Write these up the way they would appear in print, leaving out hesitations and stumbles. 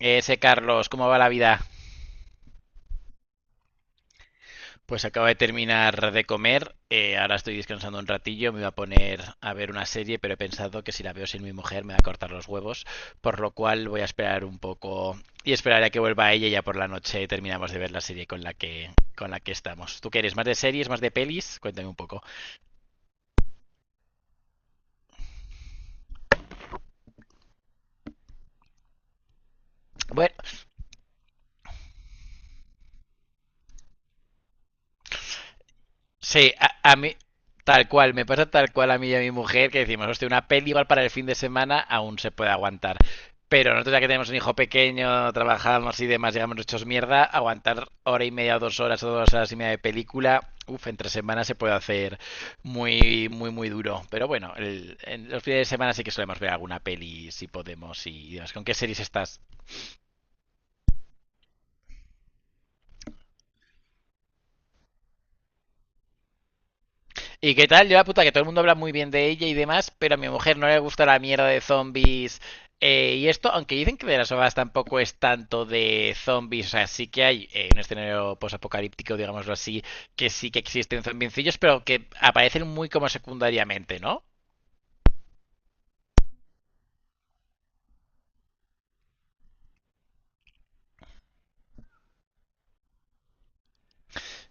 Ese Carlos, ¿cómo va la vida? Pues acabo de terminar de comer, ahora estoy descansando un ratillo, me voy a poner a ver una serie, pero he pensado que si la veo sin mi mujer me va a cortar los huevos, por lo cual voy a esperar un poco y esperaré a que vuelva ella y ya por la noche terminamos de ver la serie con la que estamos. ¿Tú qué eres? ¿Más de series, más de pelis? Cuéntame un poco. Bueno, sí, a mí, tal cual, me pasa tal cual a mí y a mi mujer que decimos, hostia, una peli igual para el fin de semana aún se puede aguantar. Pero nosotros ya que tenemos un hijo pequeño, trabajamos y demás, llegamos hechos mierda, aguantar hora y media o 2 horas o 2 horas y media de película, uff, entre semanas se puede hacer muy, muy, muy duro. Pero bueno, en los fines de semana sí que solemos ver alguna peli si podemos y demás. ¿Con qué series estás? ¿Y qué tal? Yo la puta que todo el mundo habla muy bien de ella y demás, pero a mi mujer no le gusta la mierda de zombies y esto, aunque dicen que de las obras tampoco es tanto de zombies, o sea, sí que hay un escenario posapocalíptico, digámoslo así, que sí que existen zombiencillos, pero que aparecen muy como secundariamente, ¿no?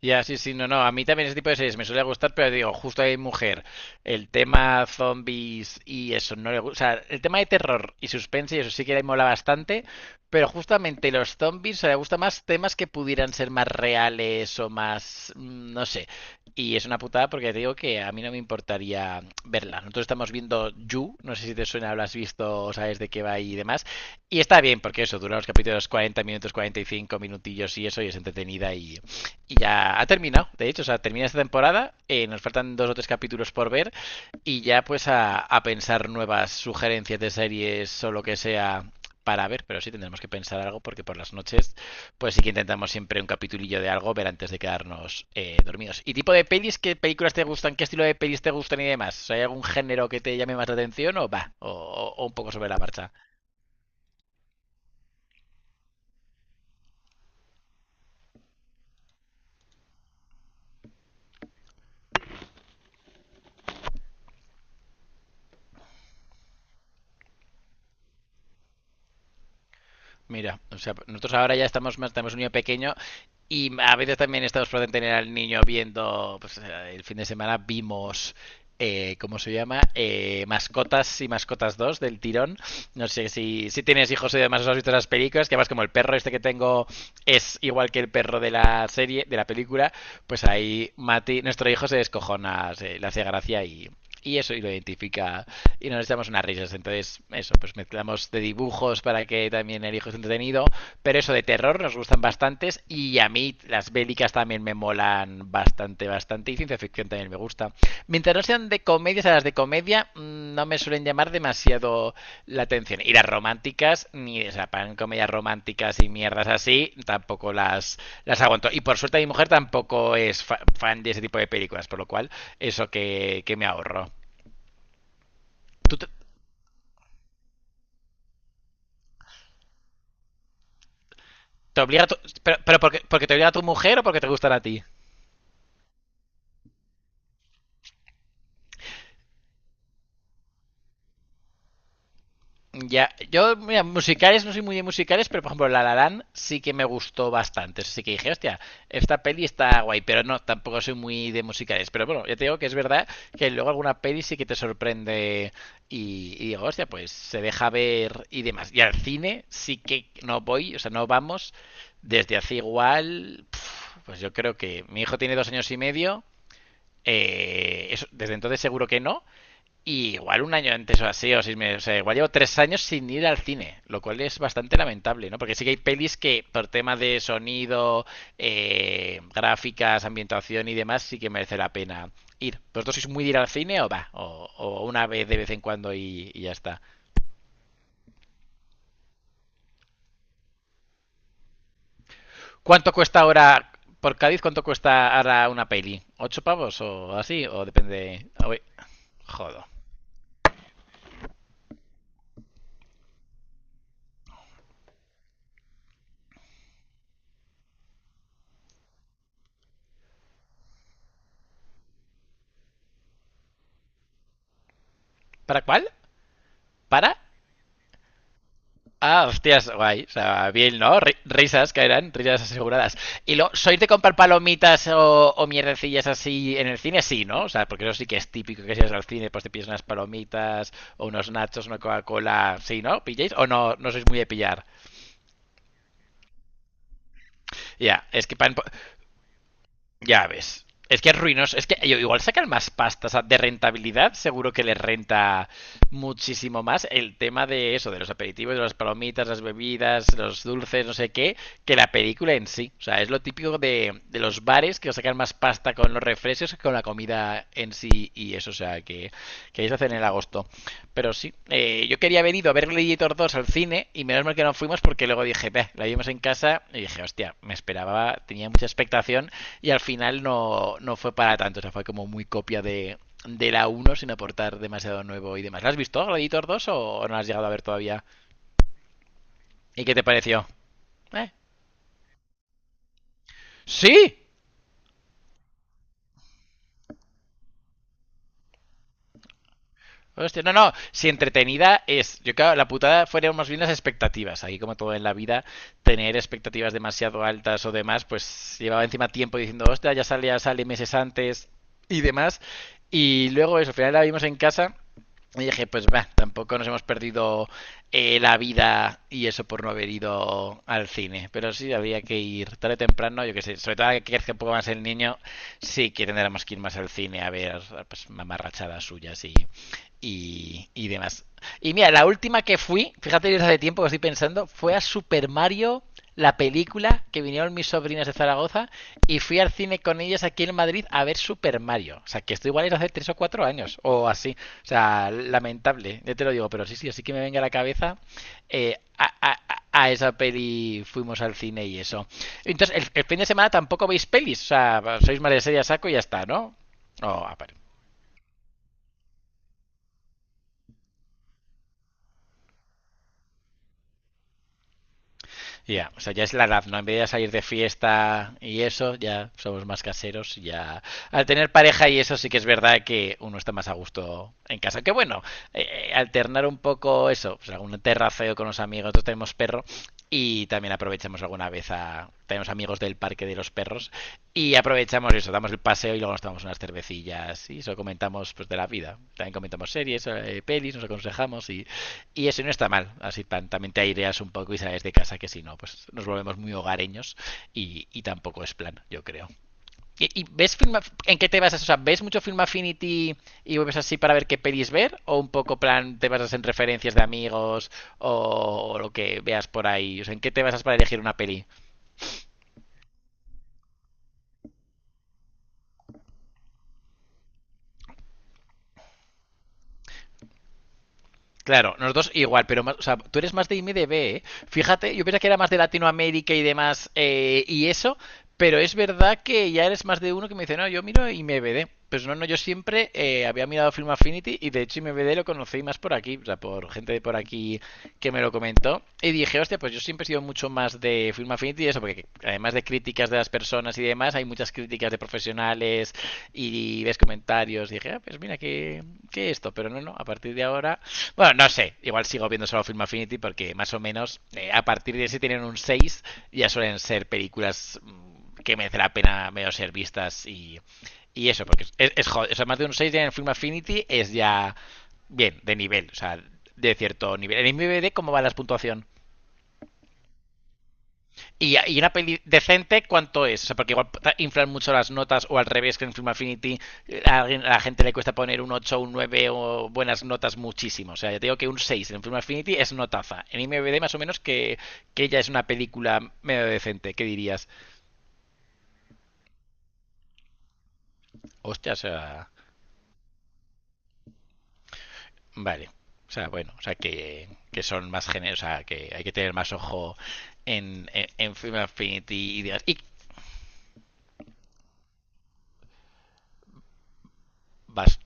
Ya, sí, sí, no, no. A mí también ese tipo de series me suele gustar, pero digo, justo hay mujer. El tema zombies y eso no le gusta. O sea, el tema de terror y suspense y eso sí que le mola bastante, pero justamente los zombies, o sea, le gusta más temas que pudieran ser más reales o más, no sé. Y es una putada porque te digo que a mí no me importaría verla. Nosotros estamos viendo You, no sé si te suena, lo visto, o sabes de qué va y demás. Y está bien, porque eso, dura los capítulos 40 minutos, 45 minutillos y eso, y es entretenida y ya ha terminado, de hecho, o sea, termina esta temporada, nos faltan 2 o 3 capítulos por ver y ya pues a pensar nuevas sugerencias de series o lo que sea para ver, pero sí tendremos que pensar algo porque por las noches, pues sí que intentamos siempre un capitulillo de algo ver antes de quedarnos dormidos. ¿Y tipo de pelis? ¿Qué películas te gustan? ¿Qué estilo de pelis te gustan y demás? ¿Hay algún género que te llame más la atención o va? O un poco sobre la marcha. Mira, o sea, nosotros ahora ya estamos más, tenemos un niño pequeño y a veces también estamos por tener al niño viendo, pues el fin de semana vimos, ¿cómo se llama? Mascotas y Mascotas 2 del tirón. No sé si tienes hijos y demás, os has visto esas películas, que además como el perro este que tengo es igual que el perro de la serie, de la película, pues ahí Mati, nuestro hijo se descojona, le hace gracia y eso y lo identifica y nos echamos unas risas. Entonces, eso, pues mezclamos de dibujos para que también el hijo esté entretenido, pero eso de terror nos gustan bastantes y a mí las bélicas también me molan bastante, bastante y ciencia ficción también me gusta. Mientras no sean de comedias, a las de comedia no me suelen llamar demasiado la atención. Y las románticas, ni o sea, pan comedias románticas y mierdas así, tampoco las aguanto. Y por suerte mi mujer tampoco es fan de ese tipo de películas, por lo cual eso que me ahorro. ¿Tú te, te obliga a tu- pero porque te obliga a tu mujer o porque te gustan a ti? Ya, yo, mira, musicales, no soy muy de musicales, pero por ejemplo, La La Land sí que me gustó bastante. Así que dije, hostia, esta peli está guay, pero no, tampoco soy muy de musicales. Pero bueno, ya te digo que es verdad que luego alguna peli sí que te sorprende y digo, hostia, pues se deja ver y demás. Y al cine sí que no voy, o sea, no vamos desde hace igual, pf, pues yo creo que mi hijo tiene 2 años y medio. Eso, desde entonces seguro que no, y igual un año antes o así, o 6 meses, o sea, igual llevo 3 años sin ir al cine, lo cual es bastante lamentable, ¿no? Porque sí que hay pelis que por tema de sonido, gráficas, ambientación y demás, sí que merece la pena ir. ¿Vosotros sois muy de ir al cine o va? O una vez de vez en cuando y ya está. ¿Cuánto cuesta ahora, por Cádiz, cuánto cuesta ahora una peli? ¿8 pavos o así? O depende... Uy, jodo. ¿Para cuál? ¿Para? Ah, hostias, guay. O sea, bien, ¿no? Risas caerán, risas aseguradas. Y lo, ¿sois de comprar palomitas o mierdecillas así en el cine? Sí, ¿no? O sea, porque eso sí que es típico que si vas al cine, pues te pides unas palomitas o unos nachos, una Coca-Cola. Sí, ¿no? ¿Pilláis? ¿O no, no sois muy de pillar? Ya, es que pan, ya ves. Es que es ruinoso. Es que igual sacan más pasta, o sea, de rentabilidad. Seguro que les renta muchísimo más el tema de eso, de los aperitivos, de las palomitas, las bebidas, los dulces, no sé qué, que la película en sí. O sea, es lo típico de los bares que sacan más pasta con los refrescos que con la comida en sí y eso. O sea, que ellos lo hacen en agosto. Pero sí, yo quería haber ido a ver Gladiator 2 al cine y menos mal que no fuimos porque luego dije, "Beh, la vimos en casa y dije, hostia, me esperaba, tenía mucha expectación y al final no, no fue para tanto, o sea, fue como muy copia de la uno sin aportar demasiado nuevo y demás. ¿La has visto, Gladiator 2 o no la has llegado a ver todavía? ¿Y qué te pareció? ¿Eh? ¡Sí! Hostia, no, no, si entretenida es. Yo creo que la putada fueron más bien las expectativas. Aquí, como todo en la vida, tener expectativas demasiado altas o demás, pues llevaba encima tiempo diciendo, hostia, ya sale meses antes y demás. Y luego eso, al final la vimos en casa y dije, pues va, tampoco nos hemos perdido la vida y eso por no haber ido al cine. Pero sí, había que ir tarde o temprano, yo que sé. Sobre todo ahora que crezca un poco más el niño, sí que tendremos que ir más al cine a ver pues, mamarrachadas suyas y demás. Y mira, la última que fui, fíjate desde hace tiempo que estoy pensando, fue a Super Mario, la película, que vinieron mis sobrinas de Zaragoza, y fui al cine con ellas aquí en Madrid a ver Super Mario. O sea, que esto igual es hace 3 o 4 años, o así. O sea, lamentable, ya te lo digo, pero sí, sí, así que me venga a la cabeza. eh, a, a- a esa peli fuimos al cine y eso. Entonces, el fin de semana tampoco veis pelis, o sea, sois más de serie a saco y ya está, ¿no? Oh, ah, vale. Ya, o sea, ya es la edad, ¿no? En vez de salir de fiesta y eso, ya somos más caseros, ya... Al tener pareja y eso sí que es verdad que uno está más a gusto en casa. Que bueno, alternar un poco eso, pues algún terraceo con los amigos, nosotros tenemos perro y también aprovechamos alguna vez a... Tenemos amigos del parque de los perros y aprovechamos eso, damos el paseo y luego nos tomamos unas cervecillas y eso comentamos pues de la vida. También comentamos series, pelis, nos aconsejamos y eso no está mal, así tan, también te aireas un poco y sales de casa que si no, pues nos volvemos muy hogareños y tampoco es plan, yo creo. ¿Y ves en qué te vas a, o sea, ves mucho Film Affinity y vuelves así para ver qué pedís ver? ¿O un poco plan te basas en referencias de amigos o lo que veas por ahí? O sea, ¿en qué te basas para elegir una peli? Claro, nosotros igual, pero más, o sea, tú eres más de IMDB, ¿eh? Fíjate, yo pensaba que era más de Latinoamérica y demás y eso, pero es verdad que ya eres más de uno que me dice, no, yo miro IMDB. Pues no, no, yo siempre había mirado Film Affinity y de hecho IMDB lo conocí más por aquí, o sea, por gente de por aquí que me lo comentó. Y dije, hostia, pues yo siempre he sido mucho más de Film Affinity y eso, porque además de críticas de las personas y demás, hay muchas muchas críticas de profesionales y ves comentarios. Y dije, ah, pues mira, que esto. Pero no, no, a partir de ahora. Bueno, no sé, igual sigo viendo solo Film Affinity porque más o menos a partir de ese tienen un 6 ya suelen ser películas que merece la pena medio ser vistas y eso, porque es joder. O sea, más de un 6 ya en Film Affinity es ya bien, de nivel, o sea, de cierto nivel. En IMDb, ¿cómo va la puntuación? Una peli decente, ¿cuánto es? O sea, porque igual inflan mucho las notas o al revés que en Film Affinity a la gente le cuesta poner un 8, un 9 o buenas notas muchísimo. O sea, ya te digo que un 6 en Film Affinity es notaza. En IMDb más o menos que ya es una película medio decente. ¿Qué dirías? Hostia, o sea, vale. O sea, bueno, o sea, que son más generosos, o sea, que hay que tener más ojo en Film Affinity y demás. Y vas.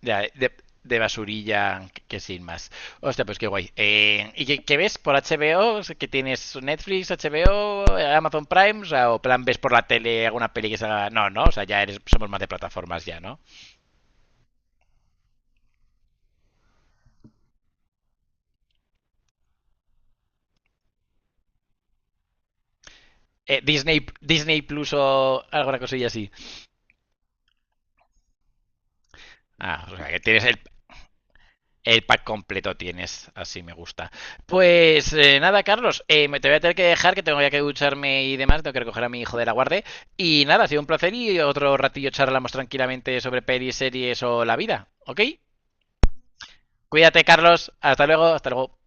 Ya, de basurilla que sin más. Hostia, pues qué guay. ¿Y qué ves por HBO? ¿Que tienes Netflix, HBO, Amazon Prime? O, sea, ¿o plan ves por la tele alguna peli que salga? No, no, o sea, ya eres, somos más de plataformas ya, ¿no? Disney, Disney Plus o alguna cosilla así. Ah, o sea, que tienes el, pack completo tienes, así me gusta. Pues nada, Carlos, me te voy a tener que dejar, que tengo ya que ducharme y demás, tengo que recoger a mi hijo de la guardia. Y nada, ha sido un placer y otro ratillo charlamos tranquilamente sobre pelis, series o la vida, ¿ok? Cuídate, Carlos, hasta luego, hasta luego.